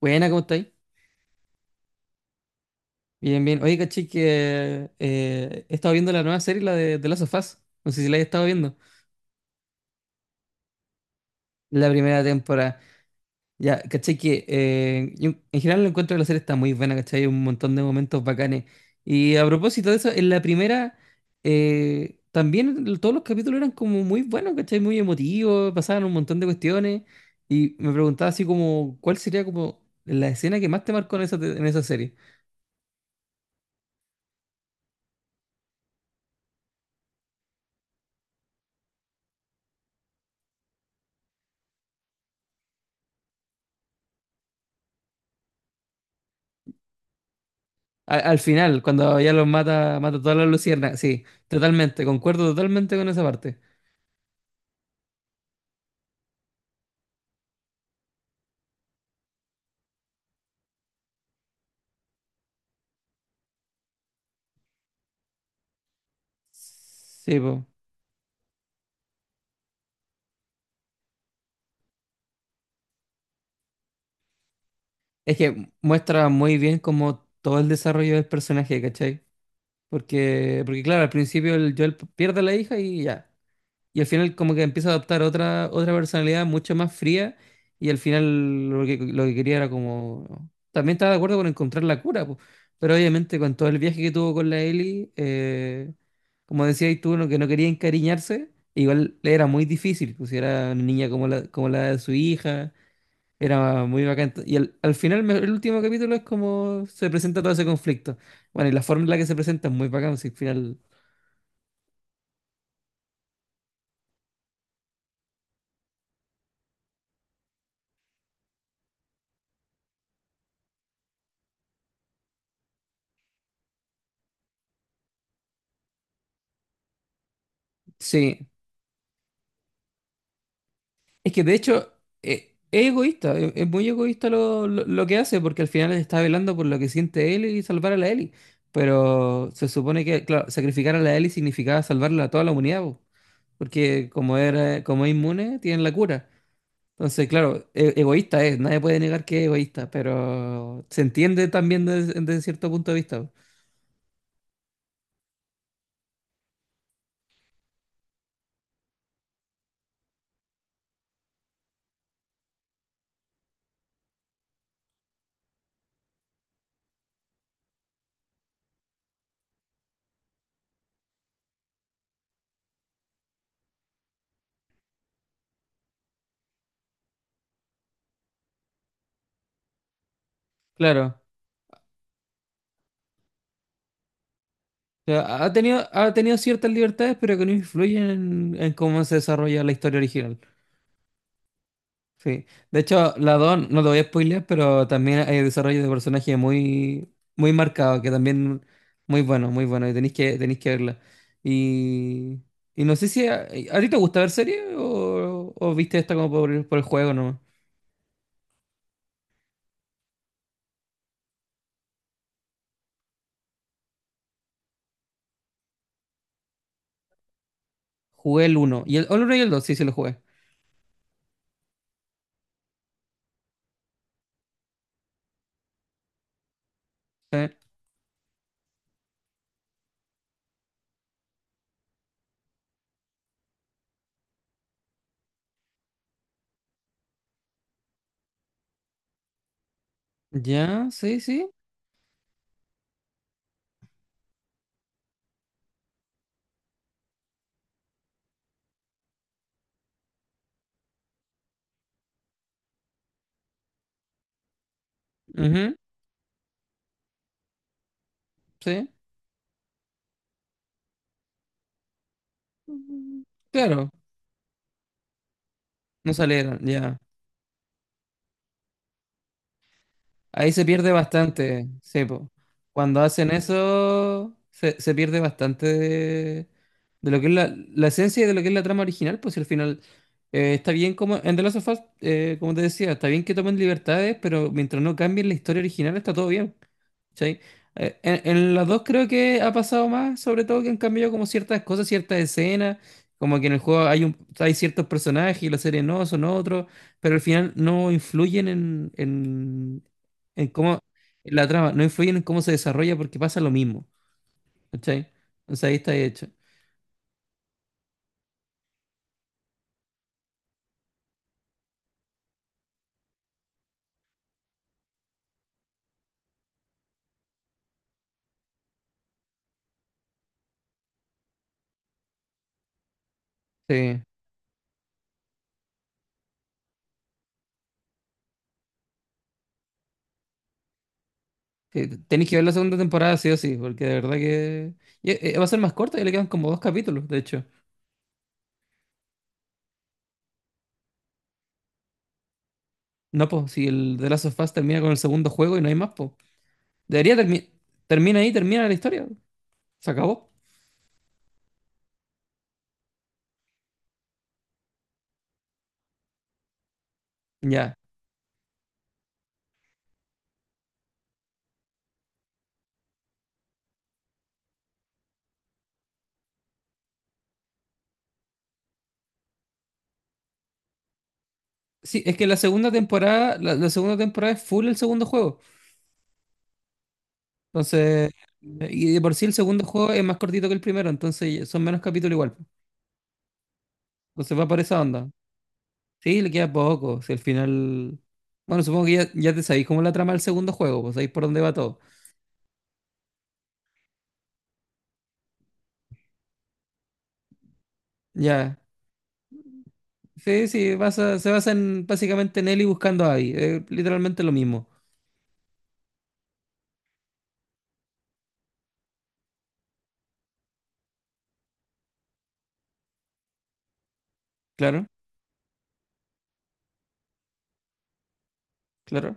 Buena, ¿cómo estáis? Bien, bien. Oye, caché que he estado viendo la nueva serie, la de Last of Us. No sé si la hayas estado viendo. La primera temporada. Ya, caché que yo en general lo encuentro que la serie está muy buena, caché. Hay un montón de momentos bacanes. Y a propósito de eso, en la primera también todos los capítulos eran como muy buenos, caché, muy emotivos, pasaban un montón de cuestiones. Y me preguntaba así como, ¿cuál sería como la escena que más te marcó en esa, en esa serie? Al final, cuando ya los mata, mata todas las luciernas. Sí, totalmente, concuerdo totalmente con esa parte. Sí, po. Es que muestra muy bien como todo el desarrollo del personaje, ¿cachai? Porque claro, al principio el Joel pierde a la hija y ya. Y al final como que empieza a adoptar otra, otra personalidad mucho más fría y al final lo lo que quería era como... También estaba de acuerdo con encontrar la cura, po, pero obviamente con todo el viaje que tuvo con la Ellie, como decías tú, no, que no quería encariñarse, igual le era muy difícil, pues si era una niña como como la de su hija, era muy bacán. Y al final el último capítulo es como se presenta todo ese conflicto. Bueno, y la forma en la que se presenta es muy bacán, si al final... Sí, es que de hecho es egoísta, es muy egoísta lo que hace, porque al final está velando por lo que siente él y salvar a la Ellie. Pero se supone que, claro, sacrificar a la Ellie significaba salvarla a toda la humanidad, po, porque como era, como es inmune, tienen la cura. Entonces, claro, egoísta es, nadie puede negar que es egoísta, pero se entiende también desde, desde cierto punto de vista. Po. Claro, o sea, ha tenido ciertas libertades, pero que no influyen en cómo se desarrolla la historia original. Sí. De hecho, la 2, no te voy a spoilear, pero también hay desarrollo de personaje muy, muy marcado, que también muy bueno, muy bueno, y tenéis tenéis que verla. Y, y no sé si a, ¿a ti te gusta ver series o viste esta como por el juego nomás. Jugué el uno Y el, o el uno y el dos sí, sí lo jugué. Sí. Ya, sí, sí. Ujú, sí. Ujú. Claro, no salieron, ya. Ahí se pierde bastante, sí, po. Cuando hacen eso, se pierde bastante de lo que es la, la esencia y de lo que es la trama original, pues si al final está bien como en The Last of Us, como te decía, está bien que tomen libertades, pero mientras no cambien la historia original está todo bien. ¿Sí? En en las dos creo que ha pasado más, sobre todo que han cambiado como ciertas cosas, ciertas escenas, como que en el juego hay un, hay ciertos personajes y la serie no, son otros, pero al final no influyen en cómo en la trama, no influyen en cómo se desarrolla porque pasa lo mismo, ¿cachai? O sea, ahí está hecho. Sí. Sí, tenéis que ver la segunda temporada, sí o sí, porque de verdad que y, va a ser más corta y le quedan como dos capítulos, de hecho. No, pues, si el The Last of Us termina con el segundo juego y no hay más, pues. Debería terminar. Termina ahí, termina la historia. Se acabó. Ya. Sí, es que la segunda temporada, la segunda temporada es full el segundo juego. Entonces, y de por sí el segundo juego es más cortito que el primero, entonces son menos capítulos igual. Entonces va por esa onda. Sí, le queda poco. Si al final. Bueno, supongo que ya, ya te sabéis cómo es la trama del segundo juego, pues sabéis por dónde va todo. Ya. Sí, sí, se basa en, básicamente en Ellie buscando a Abby. Eh, literalmente lo mismo. Claro, claro.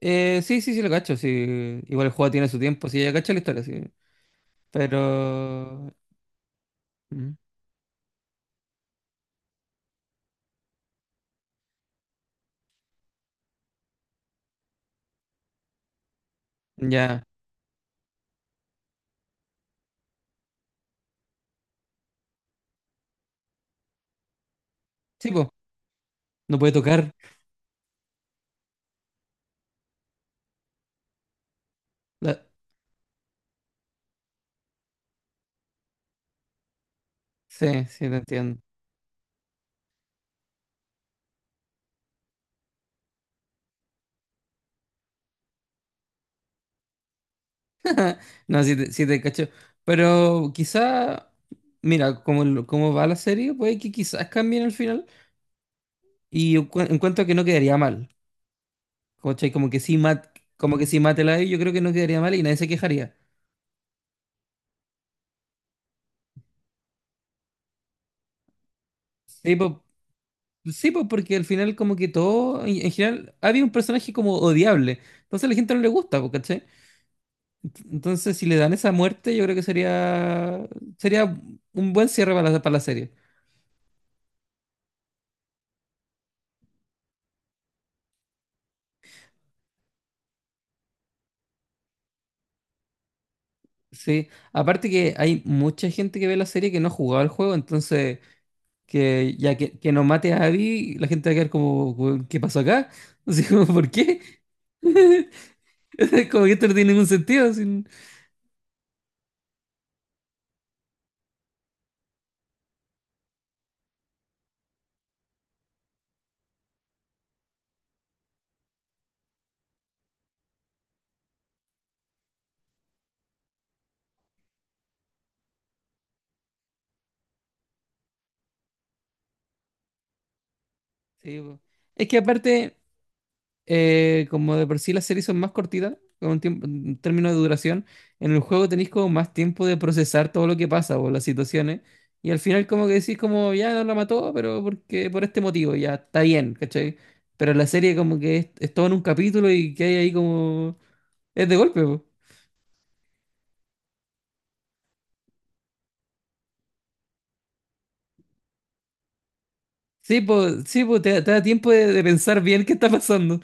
Sí, sí, sí, lo cacho. Sí. Igual el juego tiene su tiempo, sí, ya cacho la historia, sí. Pero. Mm, ya. Sí, pues, no puede tocar. La- sí, sí, te entiendo. No, sí te cacho. Pero quizá. Mira, como, como va la serie, puede que quizás cambien el final. Y yo encuentro que no quedaría mal. ¿Cachai? Como que sí, mat, como que sí mátela ahí, yo creo que no quedaría mal y nadie se quejaría. Sí, sí, pues porque al final como que todo, en general, había un personaje como odiable. Entonces a la gente no le gusta, pues, ¿cachai? Entonces si le dan esa muerte, yo creo que sería sería un buen cierre para para la serie. Sí, aparte que hay mucha gente que ve la serie que no ha jugado al juego, entonces que ya que no mate a Abby, la gente va a quedar como, "Weón, ¿qué pasó acá? Así como, ¿por qué? Como que esto no tiene ningún sentido. Así. Sí, po. Es que aparte... Eh, como de por sí las series son más cortitas, con un tiempo, en términos de duración, en el juego tenéis como más tiempo de procesar todo lo que pasa o las situaciones. Y al final como que decís como, ya no la mató, pero porque por este motivo, ya está bien, ¿cachai? Pero la serie como que es todo en un capítulo y que hay ahí como... Es de golpe, po. Sí, pues, sí, po, te da tiempo de pensar bien qué está pasando.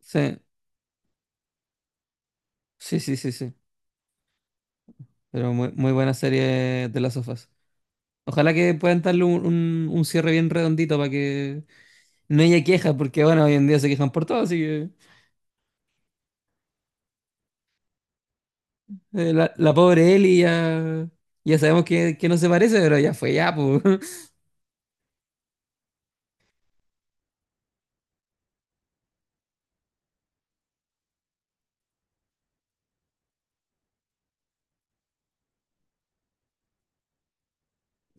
Sí, sí, sí, sí, sí. Pero muy, muy buena serie de las sofás. Ojalá que puedan darle un cierre bien redondito para que no ella queja, porque bueno, hoy en día se quejan por todo, así que la, la pobre Ellie ya, ya sabemos que no se parece, pero ya fue ya, pues.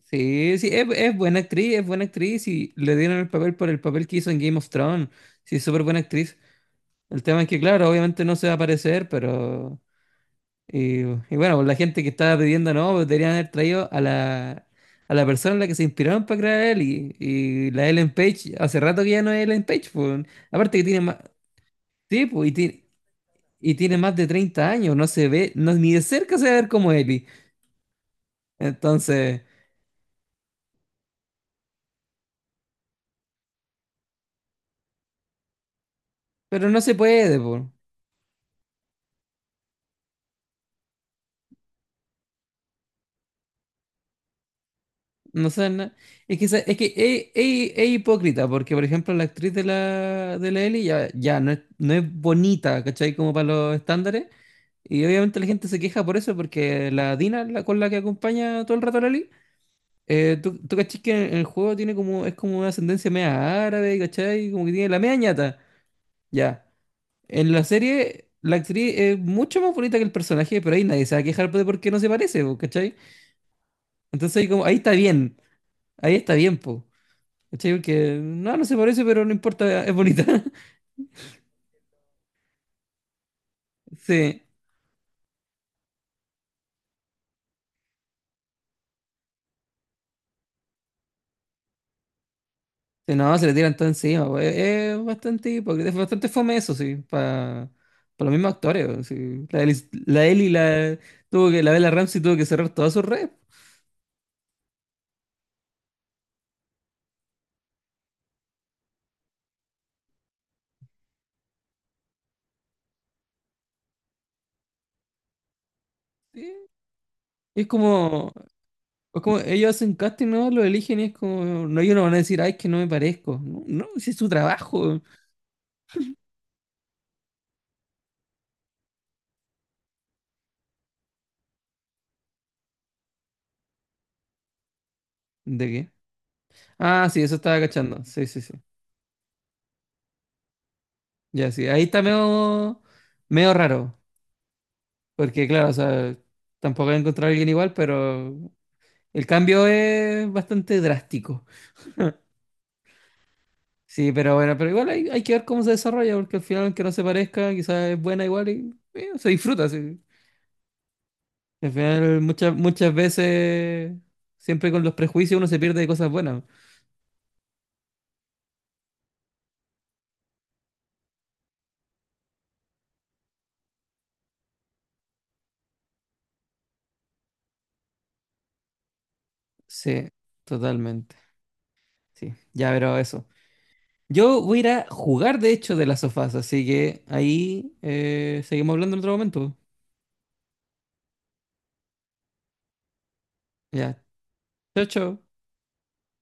Sí, sí, es buena actriz y le dieron el papel por el papel que hizo en Game of Thrones. Sí, súper buena actriz. El tema es que, claro, obviamente no se va a parecer, pero... Y, y bueno, pues la gente que estaba pidiendo, no, pues deberían haber traído a a la persona en la que se inspiraron para crear a Ellie. Y la Ellen Page, hace rato que ya no es Ellen Page, pues. Aparte que tiene más... Sí, pues, y tiene más de 30 años, no se ve, no, ni de cerca se va a ver como Ellie. Entonces, pero no se puede, po. No sé, es es que es, es hipócrita, porque por ejemplo la actriz de de la Ellie ya, ya no es, no es bonita, ¿cachai? Como para los estándares. Y obviamente la gente se queja por eso, porque la Dina, la con la que acompaña todo el rato a la Ellie, tú, tú cachis que en el juego tiene como, es como una ascendencia media árabe, ¿cachai? Como que tiene la media ñata. Ya. En la serie, la actriz es mucho más bonita que el personaje, pero ahí nadie se va a quejar de por qué no se parece, po, ¿cachai? Entonces ahí, como, ahí está bien, po, ¿cachai? Porque no, no se parece, pero no importa, es bonita. Sí, sí, no, se le tiran todo encima, po. Es bastante hipócrita, es bastante fome eso, sí, para los mismos actores, po, sí. La Eli, la Eli la, tuvo que, la Bella Ramsey tuvo que cerrar todas sus redes. Sí. Es como, es como ellos hacen casting, ¿no? Lo eligen y es como, no, ellos no van a decir, ay, es que no me parezco. No, no, si es su trabajo. ¿De qué? Ah, sí, eso estaba cachando. Sí, sí, sí. Ya, sí. Ahí está medio, medio raro. Porque, claro, o sea, tampoco voy a encontrar a alguien igual, pero el cambio es bastante drástico. Sí, pero bueno, pero igual hay, hay que ver cómo se desarrolla, porque al final, aunque no se parezca, quizás es buena igual y se disfruta, sí. Al final, muchas, muchas veces, siempre con los prejuicios uno se pierde de cosas buenas. Sí, totalmente. Sí, ya, pero eso. Yo voy a ir a jugar, de hecho, de las sofás, así que ahí seguimos hablando en otro momento. Ya, chao, chao.